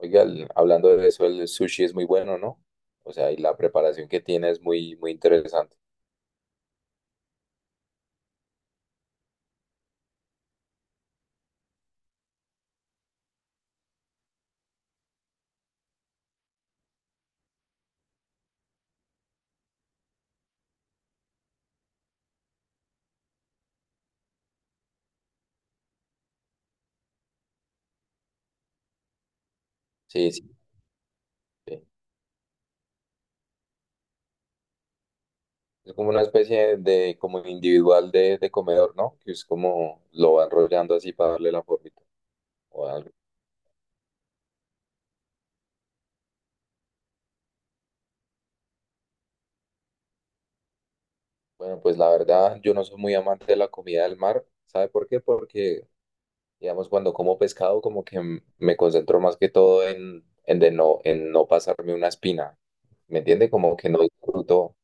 Oiga, hablando de eso, el sushi es muy bueno, ¿no? O sea, y la preparación que tiene es muy, muy interesante. Sí, sí, sí. Es como una especie de, como individual de comedor, ¿no? Que es como lo va enrollando así para darle la formita o algo. Bueno, pues la verdad, yo no soy muy amante de la comida del mar. ¿Sabe por qué? Porque, digamos, cuando como pescado, como que me concentro más que todo en de no, en no pasarme una espina. ¿Me entiende? Como que no disfruto.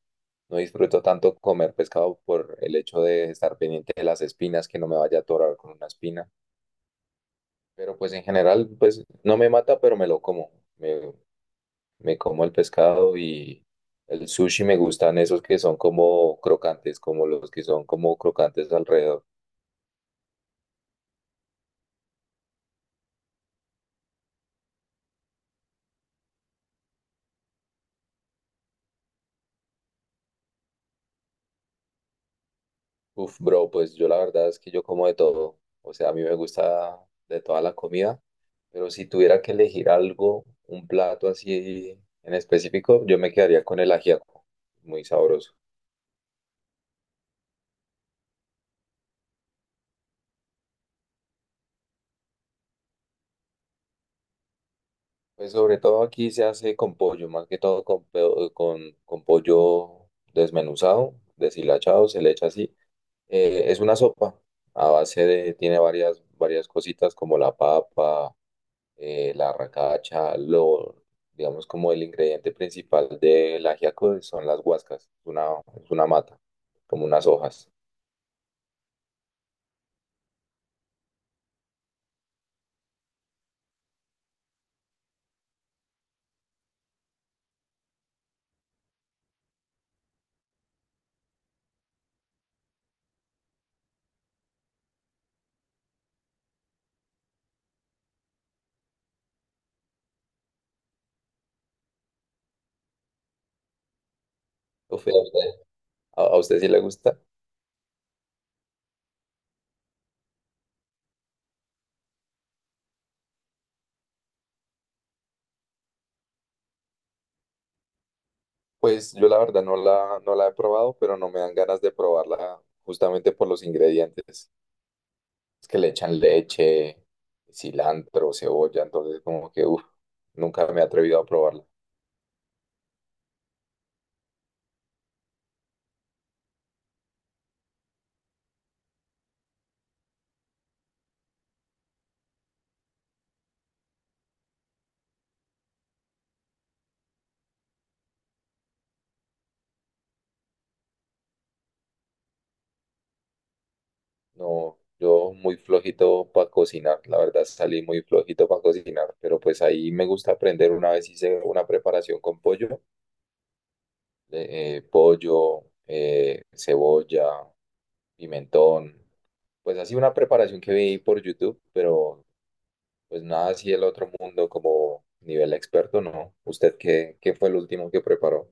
No disfruto tanto comer pescado por el hecho de estar pendiente de las espinas, que no me vaya a atorar con una espina. Pero pues en general, pues no me mata, pero me lo como. Me, me como el pescado y el sushi me gustan esos que son como crocantes, como los que son como crocantes alrededor. Uf, bro, pues yo la verdad es que yo como de todo. O sea, a mí me gusta de toda la comida, pero si tuviera que elegir algo, un plato así en específico, yo me quedaría con el ajiaco, muy sabroso. Pues sobre todo aquí se hace con pollo, más que todo con, con pollo desmenuzado, deshilachado, se le echa así. Es una sopa a base de, tiene varias, varias cositas como la papa, la arracacha, lo, digamos como el ingrediente principal del ajiaco son las guascas, es una mata, como unas hojas. Uf, ¿y ¿a usted, a usted sí le gusta? Pues yo la verdad no la, no la he probado, pero no me dan ganas de probarla justamente por los ingredientes. Es que le echan leche, cilantro, cebolla, entonces como que, uff, nunca me he atrevido a probarla. No, yo muy flojito para cocinar, la verdad salí muy flojito para cocinar, pero pues ahí me gusta aprender. Una vez hice una preparación con pollo, de, pollo, cebolla, pimentón, pues así una preparación que vi por YouTube, pero pues nada así el otro mundo como nivel experto, ¿no? ¿Usted qué, qué fue el último que preparó?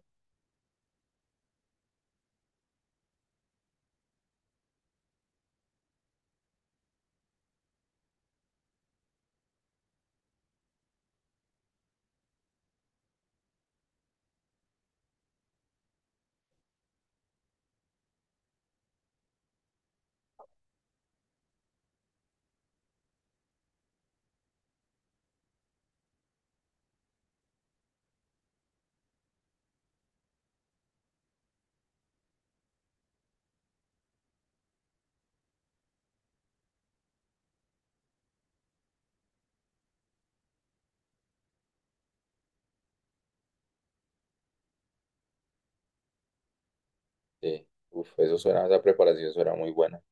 Sí, uf, eso suena, esa preparación suena muy buena.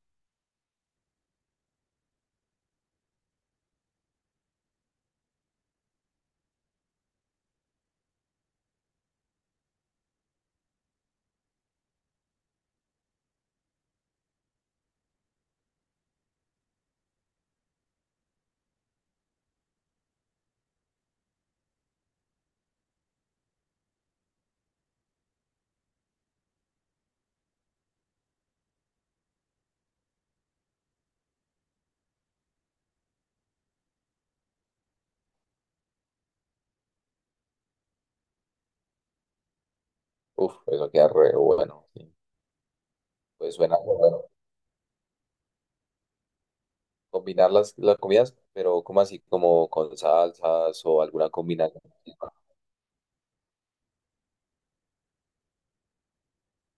Uf, eso queda re bueno, sí. Pues suena re bueno. Combinar las comidas, pero ¿cómo así? Como con salsas o alguna combinación.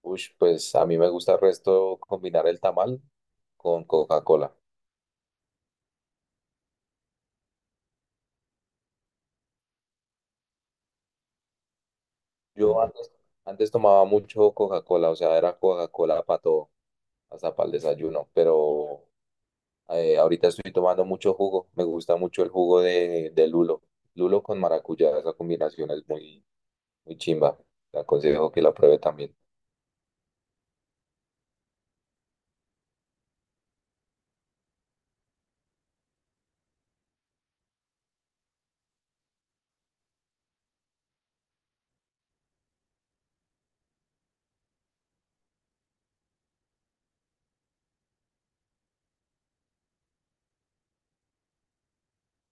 Ush, pues a mí me gusta el resto combinar el tamal con Coca-Cola. Yo antes, antes tomaba mucho Coca-Cola, o sea, era Coca-Cola para todo, hasta para el desayuno, pero ahorita estoy tomando mucho jugo. Me gusta mucho el jugo de lulo. Lulo con maracuyá, esa combinación es muy muy chimba. Le aconsejo que la pruebe también.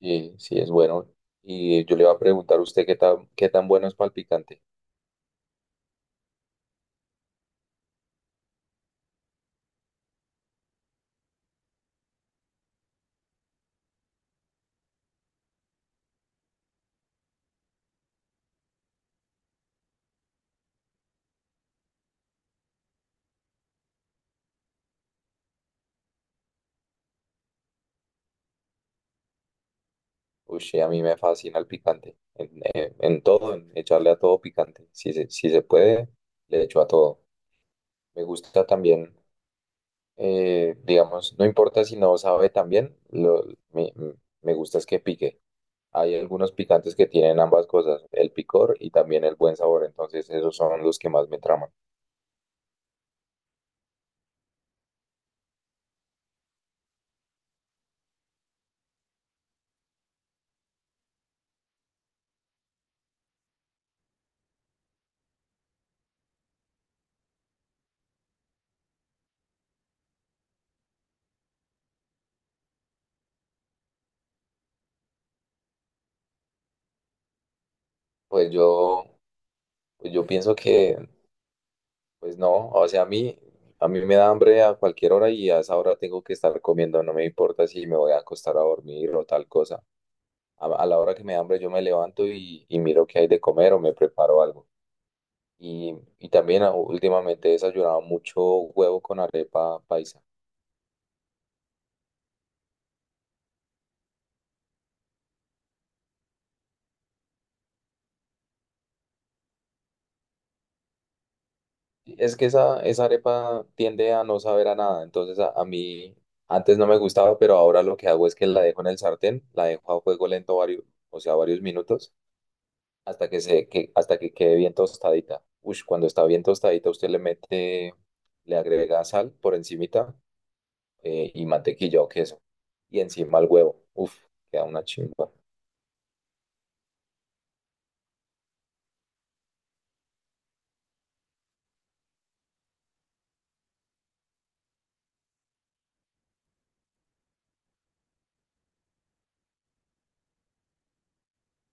Y sí, es bueno. Y yo le iba a preguntar a usted qué tan bueno es para el picante. Uy, sí, a mí me fascina el picante. En todo, en echarle a todo picante. Si se, si se puede, le echo a todo. Me gusta también, digamos, no importa si no sabe también, lo, me, me gusta es que pique. Hay algunos picantes que tienen ambas cosas, el picor y también el buen sabor. Entonces, esos son los que más me traman. Pues yo, pues yo pienso que pues no, o sea, a mí me da hambre a cualquier hora y a esa hora tengo que estar comiendo, no me importa si me voy a acostar a dormir o tal cosa. A la hora que me da hambre yo me levanto y miro qué hay de comer o me preparo algo. Y también ah, últimamente he desayunado mucho huevo con arepa paisa. Es que esa arepa tiende a no saber a nada, entonces a mí antes no me gustaba, pero ahora lo que hago es que la dejo en el sartén, la dejo a fuego lento varios, o sea, varios minutos hasta que se, que, hasta que quede bien tostadita. Ush, cuando está bien tostadita, usted le mete, le agrega sal por encimita y mantequilla o queso. Y encima el huevo. Uf, queda una chimba.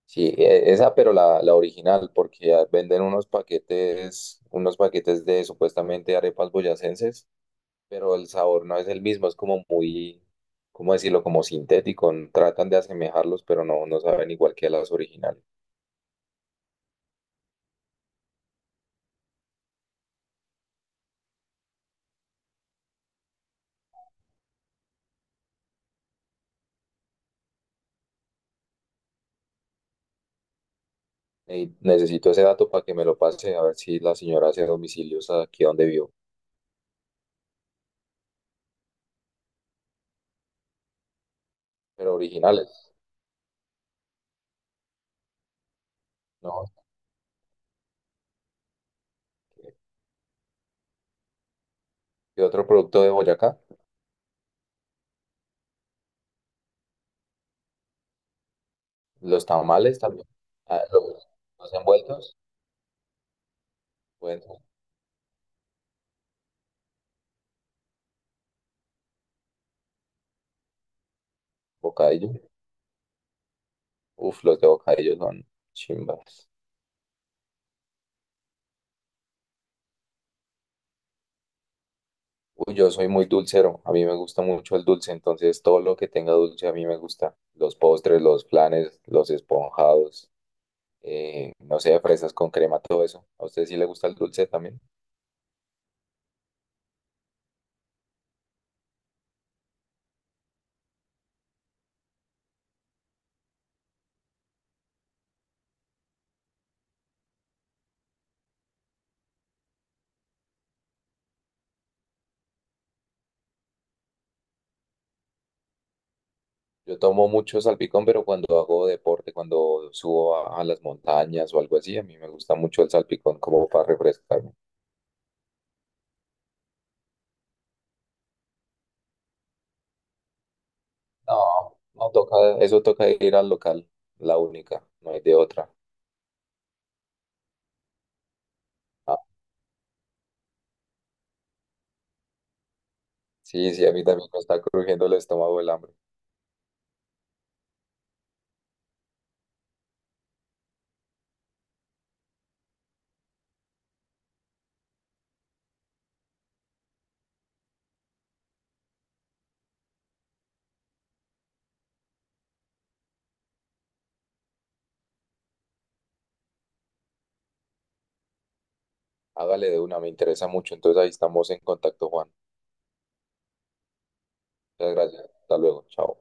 Sí, esa, pero la original, porque ya venden unos paquetes de supuestamente arepas boyacenses, pero el sabor no es el mismo, es como muy, ¿cómo decirlo? Como sintético. Tratan de asemejarlos, pero no, no saben igual que las originales. Ey, necesito ese dato para que me lo pase, a ver si la señora hace domicilios aquí donde vivo. Pero originales, ¿no? ¿Qué otro producto de Boyacá? Los tamales también. Ah, los, envueltos, bueno, bocadillo. Uf, los de bocadillo son chimbas. Uy, yo soy muy dulcero, a mí me gusta mucho el dulce, entonces todo lo que tenga dulce a mí me gusta. Los postres, los flanes, los esponjados, no sé, fresas con crema, todo eso. ¿A usted sí le gusta el dulce también? Yo tomo mucho salpicón, pero cuando hago deporte, cuando subo a las montañas o algo así, a mí me gusta mucho el salpicón como para refrescarme. No, no toca, eso toca ir al local, la única, no hay de otra. Ah, sí, sí, a mí también me está crujiendo el estómago el hambre. Hágale de una, me interesa mucho. Entonces ahí estamos en contacto, Juan. Muchas gracias. Hasta luego. Chao.